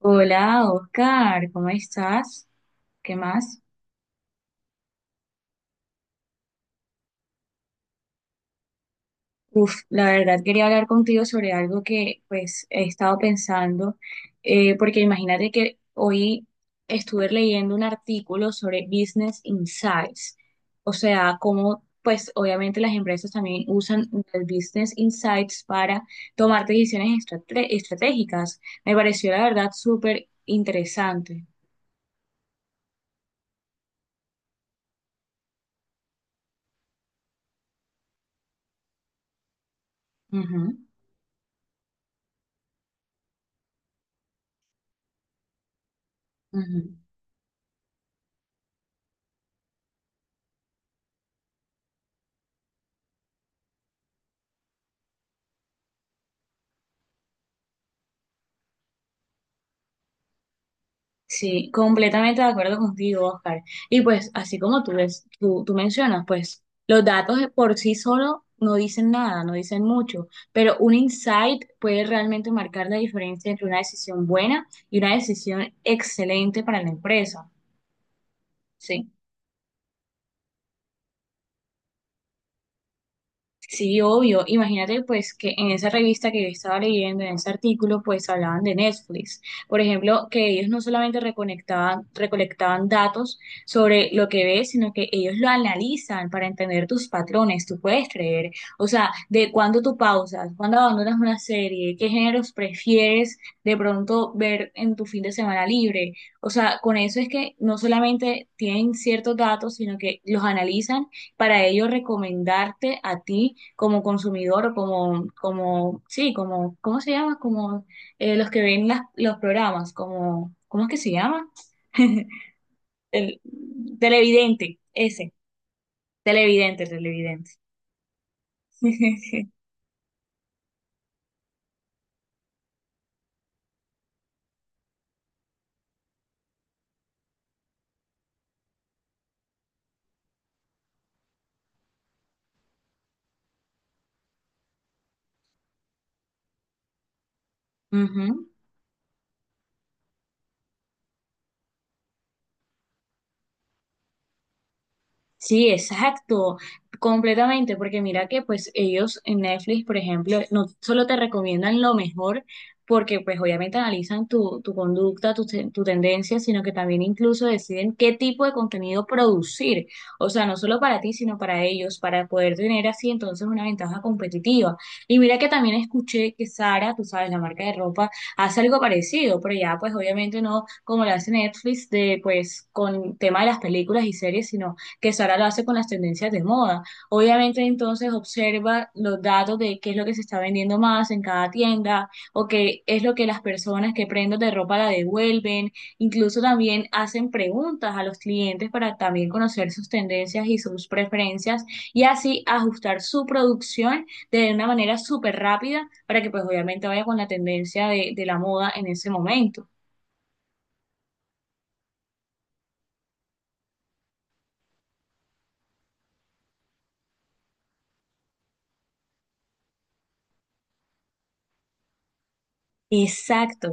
Hola, Oscar, ¿cómo estás? ¿Qué más? La verdad quería hablar contigo sobre algo que pues he estado pensando, porque imagínate que hoy estuve leyendo un artículo sobre Business Insights, o sea, cómo pues obviamente las empresas también usan el Business Insights para tomar decisiones estratégicas. Me pareció la verdad súper interesante. Ujú, ujú. Sí, completamente de acuerdo contigo, Oscar. Y pues, así como tú mencionas, pues los datos de por sí solo no dicen nada, no dicen mucho, pero un insight puede realmente marcar la diferencia entre una decisión buena y una decisión excelente para la empresa. Sí. Sí, obvio. Imagínate pues que en esa revista que yo estaba leyendo, en ese artículo, pues hablaban de Netflix. Por ejemplo, que ellos no solamente recolectaban datos sobre lo que ves, sino que ellos lo analizan para entender tus patrones, tú puedes creer. O sea, de cuándo tú pausas, cuándo abandonas una serie, qué géneros prefieres de pronto ver en tu fin de semana libre. O sea, con eso es que no solamente tienen ciertos datos, sino que los analizan para ello recomendarte a ti como consumidor o sí, como, ¿cómo se llama? Como los que ven los programas, como, ¿cómo es que se llama? El televidente, ese, televidente, televidente. Ujú. Sí, exacto, completamente, porque mira que pues ellos en Netflix, por ejemplo, no solo te recomiendan lo mejor, porque pues obviamente analizan tu conducta, tu tendencia, sino que también incluso deciden qué tipo de contenido producir, o sea, no solo para ti, sino para ellos, para poder tener así entonces una ventaja competitiva. Y mira que también escuché que Sara, tú sabes, la marca de ropa, hace algo parecido, pero ya pues obviamente no como lo hace Netflix de pues con tema de las películas y series, sino que Sara lo hace con las tendencias de moda. Obviamente entonces observa los datos de qué es lo que se está vendiendo más en cada tienda o qué es lo que las personas que prenden de ropa la devuelven. Incluso también hacen preguntas a los clientes para también conocer sus tendencias y sus preferencias y así ajustar su producción de una manera súper rápida para que pues obviamente vaya con la tendencia de la moda en ese momento. Exacto.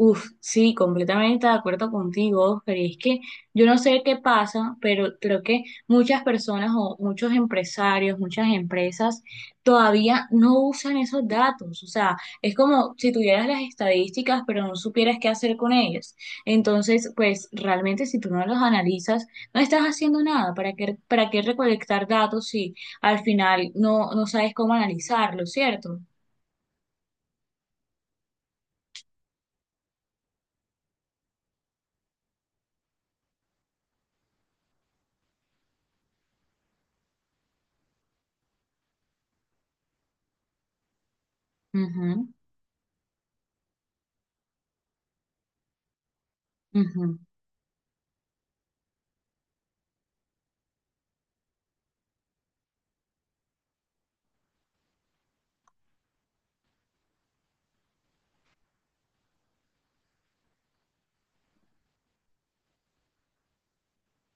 Uf, sí, completamente de acuerdo contigo, pero es que yo no sé qué pasa, pero creo que muchas personas o muchos empresarios, muchas empresas todavía no usan esos datos. O sea, es como si tuvieras las estadísticas, pero no supieras qué hacer con ellas. Entonces, pues realmente si tú no los analizas, no estás haciendo nada. Para qué recolectar datos si al final no sabes cómo analizarlo, cierto? Ujú, ujú.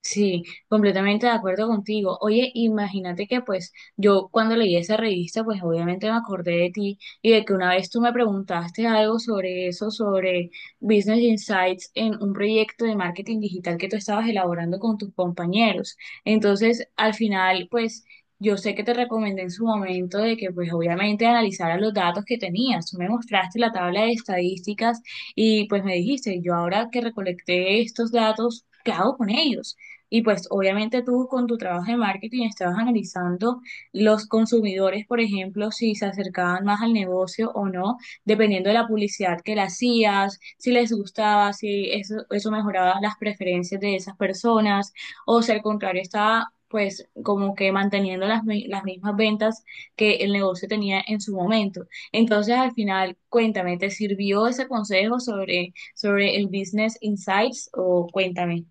Sí, completamente de acuerdo contigo. Oye, imagínate que pues yo cuando leí esa revista, pues obviamente me acordé de ti y de que una vez tú me preguntaste algo sobre eso, sobre Business Insights en un proyecto de marketing digital que tú estabas elaborando con tus compañeros. Entonces, al final, pues yo sé que te recomendé en su momento de que pues obviamente analizaras los datos que tenías. Tú me mostraste la tabla de estadísticas y pues me dijiste, yo ahora que recolecté estos datos, ¿qué hago con ellos? Y pues obviamente tú con tu trabajo de marketing estabas analizando los consumidores, por ejemplo, si se acercaban más al negocio o no, dependiendo de la publicidad que le hacías, si les gustaba, si eso mejoraba las preferencias de esas personas, o si al contrario estaba pues como que manteniendo las mismas ventas que el negocio tenía en su momento. Entonces al final, cuéntame, ¿te sirvió ese consejo sobre, sobre el Business Insights o cuéntame?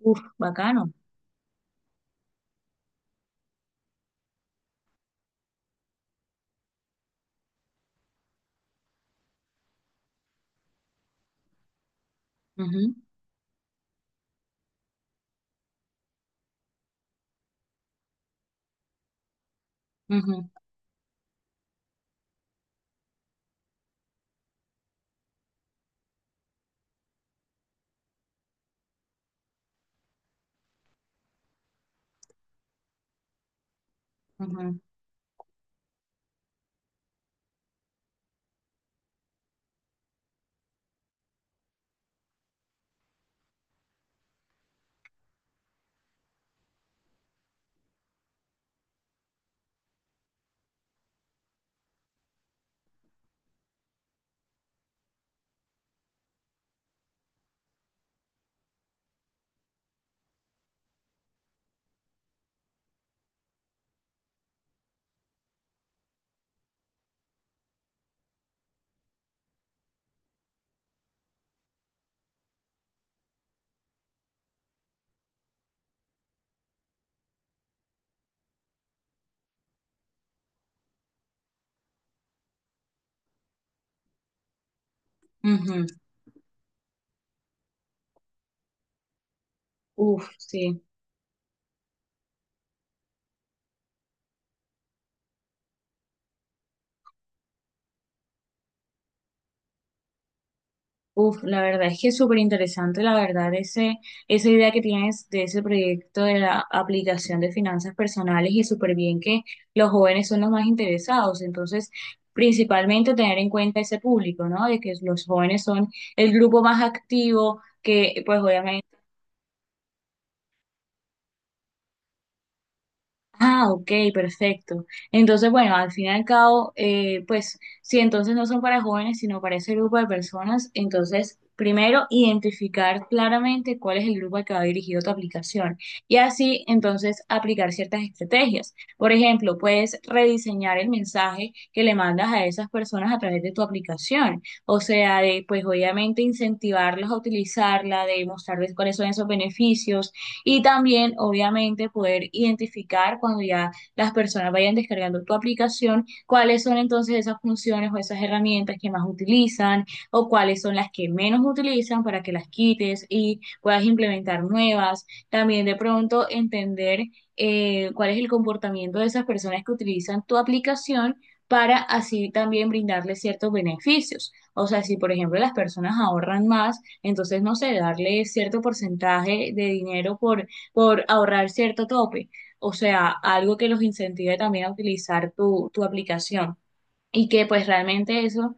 Uf, bacano. Ujú, ujú, ujú, ujú. Uf, sí. Uf, la verdad es que es súper interesante, la verdad, ese, esa idea que tienes de ese proyecto de la aplicación de finanzas personales y súper bien que los jóvenes son los más interesados. Entonces, principalmente tener en cuenta ese público, ¿no? De que los jóvenes son el grupo más activo, que pues obviamente... Ah, ok, perfecto. Entonces, bueno, al fin y al cabo, pues si entonces no son para jóvenes, sino para ese grupo de personas, entonces primero identificar claramente cuál es el grupo al que va dirigido tu aplicación y así entonces aplicar ciertas estrategias. Por ejemplo, puedes rediseñar el mensaje que le mandas a esas personas a través de tu aplicación, o sea, de pues obviamente incentivarlos a utilizarla, de mostrarles cuáles son esos beneficios y también, obviamente, poder identificar cuando ya las personas vayan descargando tu aplicación, cuáles son entonces esas funciones o esas herramientas que más utilizan o cuáles son las que menos utilizan para que las quites y puedas implementar nuevas. También de pronto entender cuál es el comportamiento de esas personas que utilizan tu aplicación para así también brindarles ciertos beneficios. O sea, si por ejemplo las personas ahorran más, entonces, no sé, darle cierto porcentaje de dinero por ahorrar cierto tope. O sea, algo que los incentive también a utilizar tu aplicación. Y que pues realmente eso...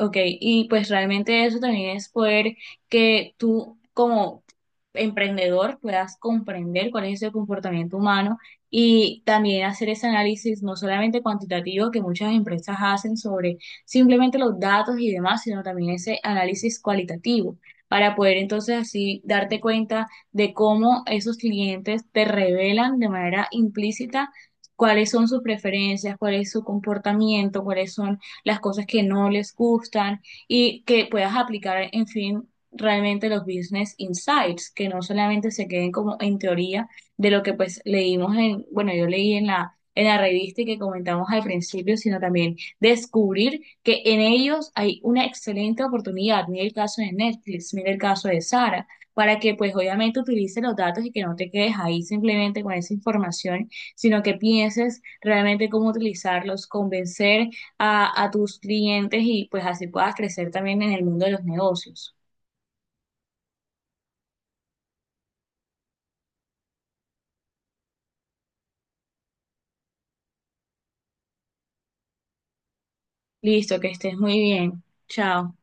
Ok, y pues realmente eso también es poder que tú como emprendedor puedas comprender cuál es el comportamiento humano y también hacer ese análisis no solamente cuantitativo que muchas empresas hacen sobre simplemente los datos y demás, sino también ese análisis cualitativo para poder entonces así darte cuenta de cómo esos clientes te revelan de manera implícita cuáles son sus preferencias, cuál es su comportamiento, cuáles son las cosas que no les gustan y que puedas aplicar, en fin, realmente los business insights, que no solamente se queden como en teoría de lo que pues leímos en, bueno, yo leí en la revista y que comentamos al principio, sino también descubrir que en ellos hay una excelente oportunidad. Mira el caso de Netflix, mira el caso de Sara, para que pues obviamente utilices los datos y que no te quedes ahí simplemente con esa información, sino que pienses realmente cómo utilizarlos, convencer a tus clientes y pues así puedas crecer también en el mundo de los negocios. Listo, que estés muy bien. Chao.